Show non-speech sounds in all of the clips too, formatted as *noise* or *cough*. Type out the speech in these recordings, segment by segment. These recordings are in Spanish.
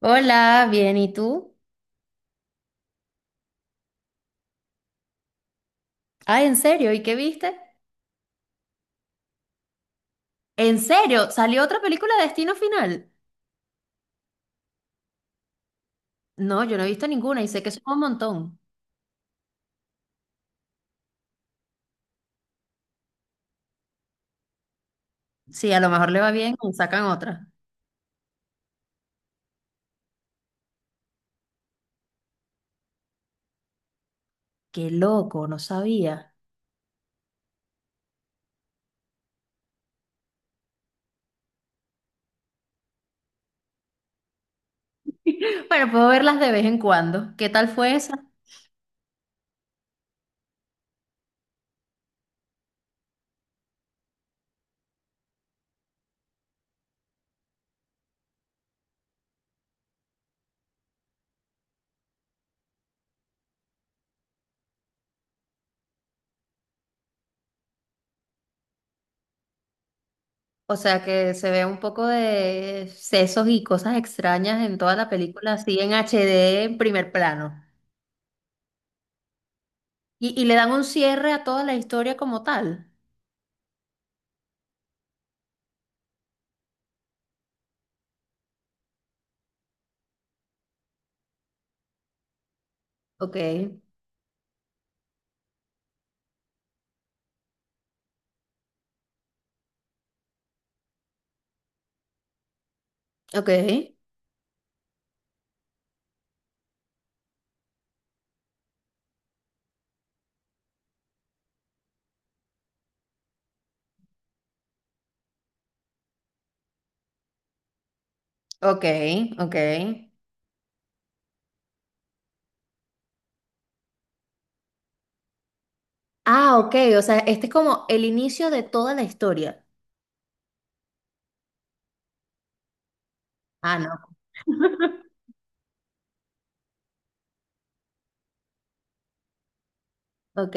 Hola, bien, ¿y tú? Ah, ¿en serio? ¿Y qué viste? ¿En serio? ¿Salió otra película de Destino Final? No, yo no he visto ninguna y sé que son un montón. Sí, a lo mejor le va bien y sacan otra. Qué loco, no sabía. *laughs* Bueno, puedo verlas de vez en cuando. ¿Qué tal fue esa? O sea, que se ve un poco de sesos y cosas extrañas en toda la película, así en HD, en primer plano. Y le dan un cierre a toda la historia como tal. Ok, ok, ok, ok. Ah, ok, o sea, este es como el inicio de toda la historia. Ah, no, ok,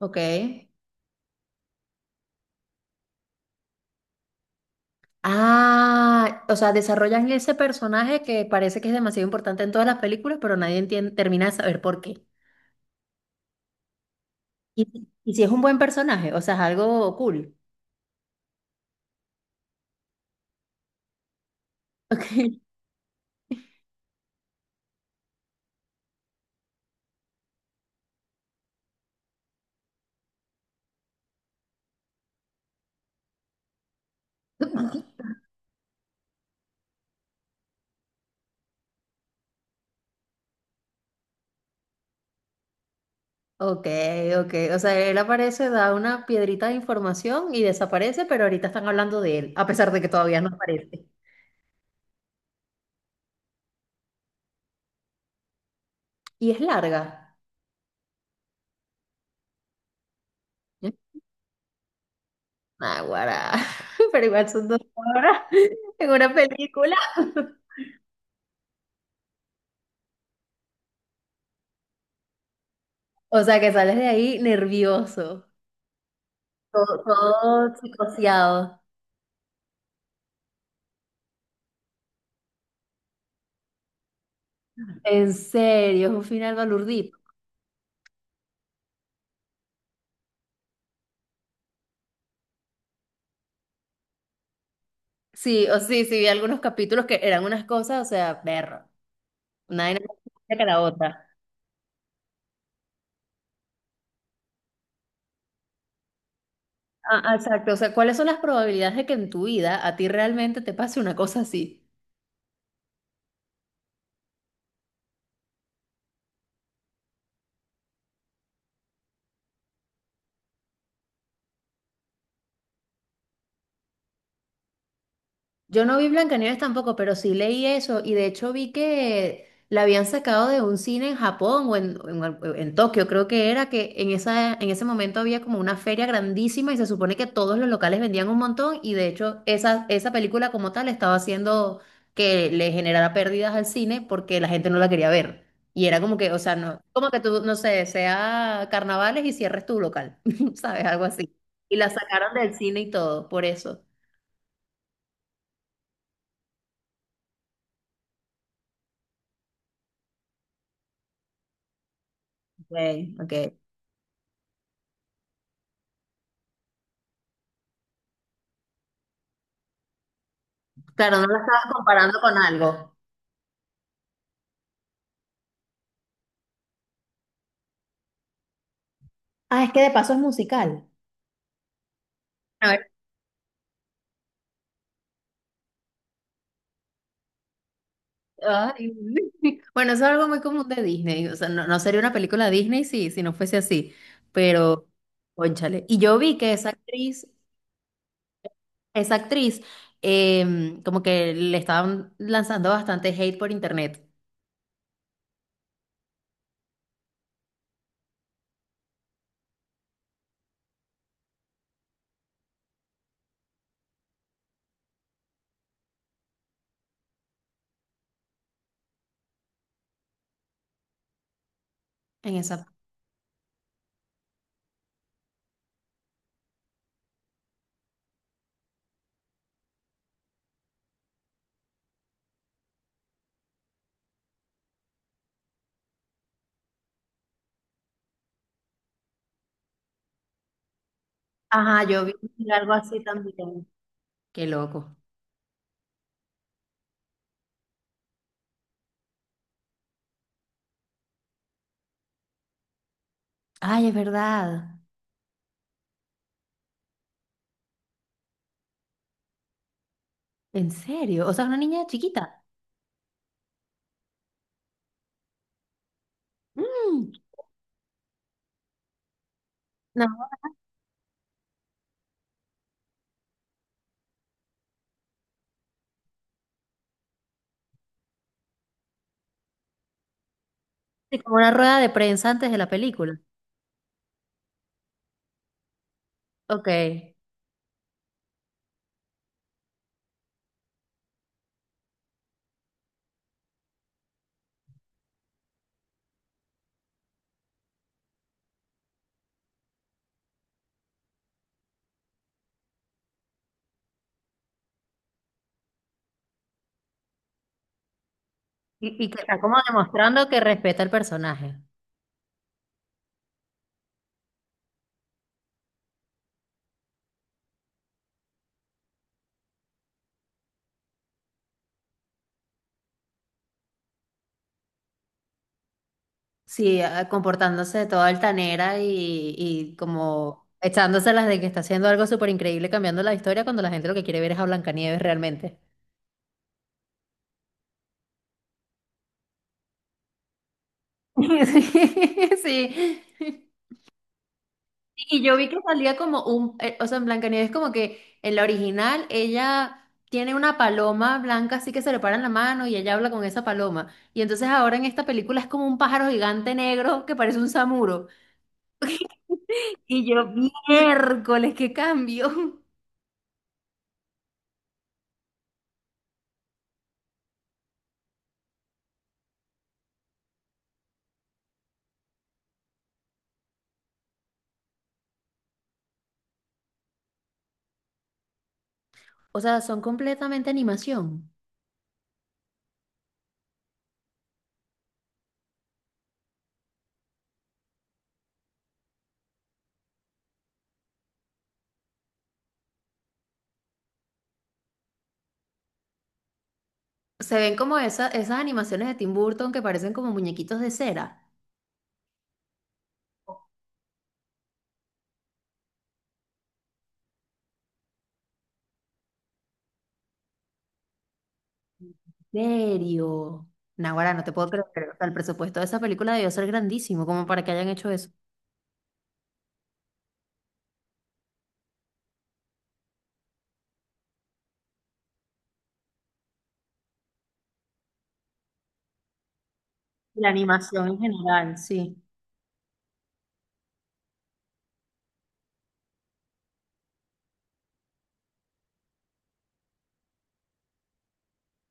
ok. Ah, o sea, desarrollan ese personaje que parece que es demasiado importante en todas las películas, pero nadie entiende, termina de saber por qué. Y si es un buen personaje, o sea, es algo cool. *laughs* Ok, ok, ok. O sea, él aparece, da una piedrita de información y desaparece, pero ahorita están hablando de él, a pesar de que todavía no aparece. Y es larga. Naguará. *laughs* Pero igual son dos horas en una película. *laughs* O sea que sales de ahí nervioso, todo psicoseado. En serio, es un final balurdito. Sí, o sí, sí, vi algunos capítulos que eran unas cosas, o sea, perro, una vaina más chiquita que la otra. Ah, ah, exacto, o sea, ¿cuáles son las probabilidades de que en tu vida a ti realmente te pase una cosa así? Yo no vi Blancanieves tampoco, pero sí leí eso y de hecho vi que la habían sacado de un cine en Japón o en en Tokio, creo que era, que en esa, en ese momento había como una feria grandísima y se supone que todos los locales vendían un montón y de hecho esa, esa película como tal estaba haciendo que le generara pérdidas al cine porque la gente no la quería ver. Y era como que, o sea, no, como que tú, no sé, sea carnavales y cierres tu local, *laughs* ¿sabes? Algo así. Y la sacaron del cine y todo, por eso. Ok, ok. Claro, no la estabas comparando con algo. Ah, es que de paso es musical. A ver, ay, *laughs* bueno, eso es algo muy común de Disney. O sea, no, no sería una película Disney si, si no fuese así. Pero, cónchale. Y yo vi que esa actriz, como que le estaban lanzando bastante hate por internet en esa. Ajá, yo vi algo así también. Qué loco. Ay, es verdad. En serio. O sea, una niña chiquita. Mm, no, así como una rueda de prensa antes de la película. Ok. Y que está como demostrando que respeta el personaje. Sí, ah, comportándose de toda altanera y como echándoselas de que está haciendo algo súper increíble cambiando la historia cuando la gente lo que quiere ver es a Blancanieves realmente. *laughs* Sí, sí. Y yo vi que salía como un, o sea, en Blancanieves como que en la original ella tiene una paloma blanca así que se le para en la mano y ella habla con esa paloma. Y entonces ahora en esta película es como un pájaro gigante negro que parece un samuro. Y yo, miércoles, qué cambio. *laughs* O sea, son completamente animación. Se ven como esas animaciones de Tim Burton que parecen como muñequitos de cera. ¿En serio? Naguará, no te puedo creer. O sea, el presupuesto de esa película debió ser grandísimo como para que hayan hecho eso. La animación en general, sí.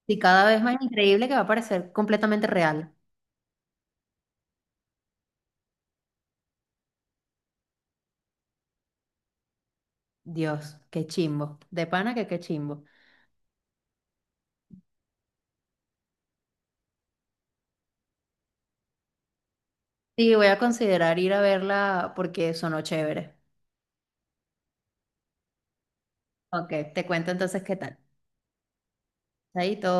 Y cada vez más increíble que va a parecer completamente real. Dios, qué chimbo. De pana que qué chimbo. Sí, voy a considerar ir a verla porque sonó chévere. Ok, te cuento entonces qué tal. Chaito.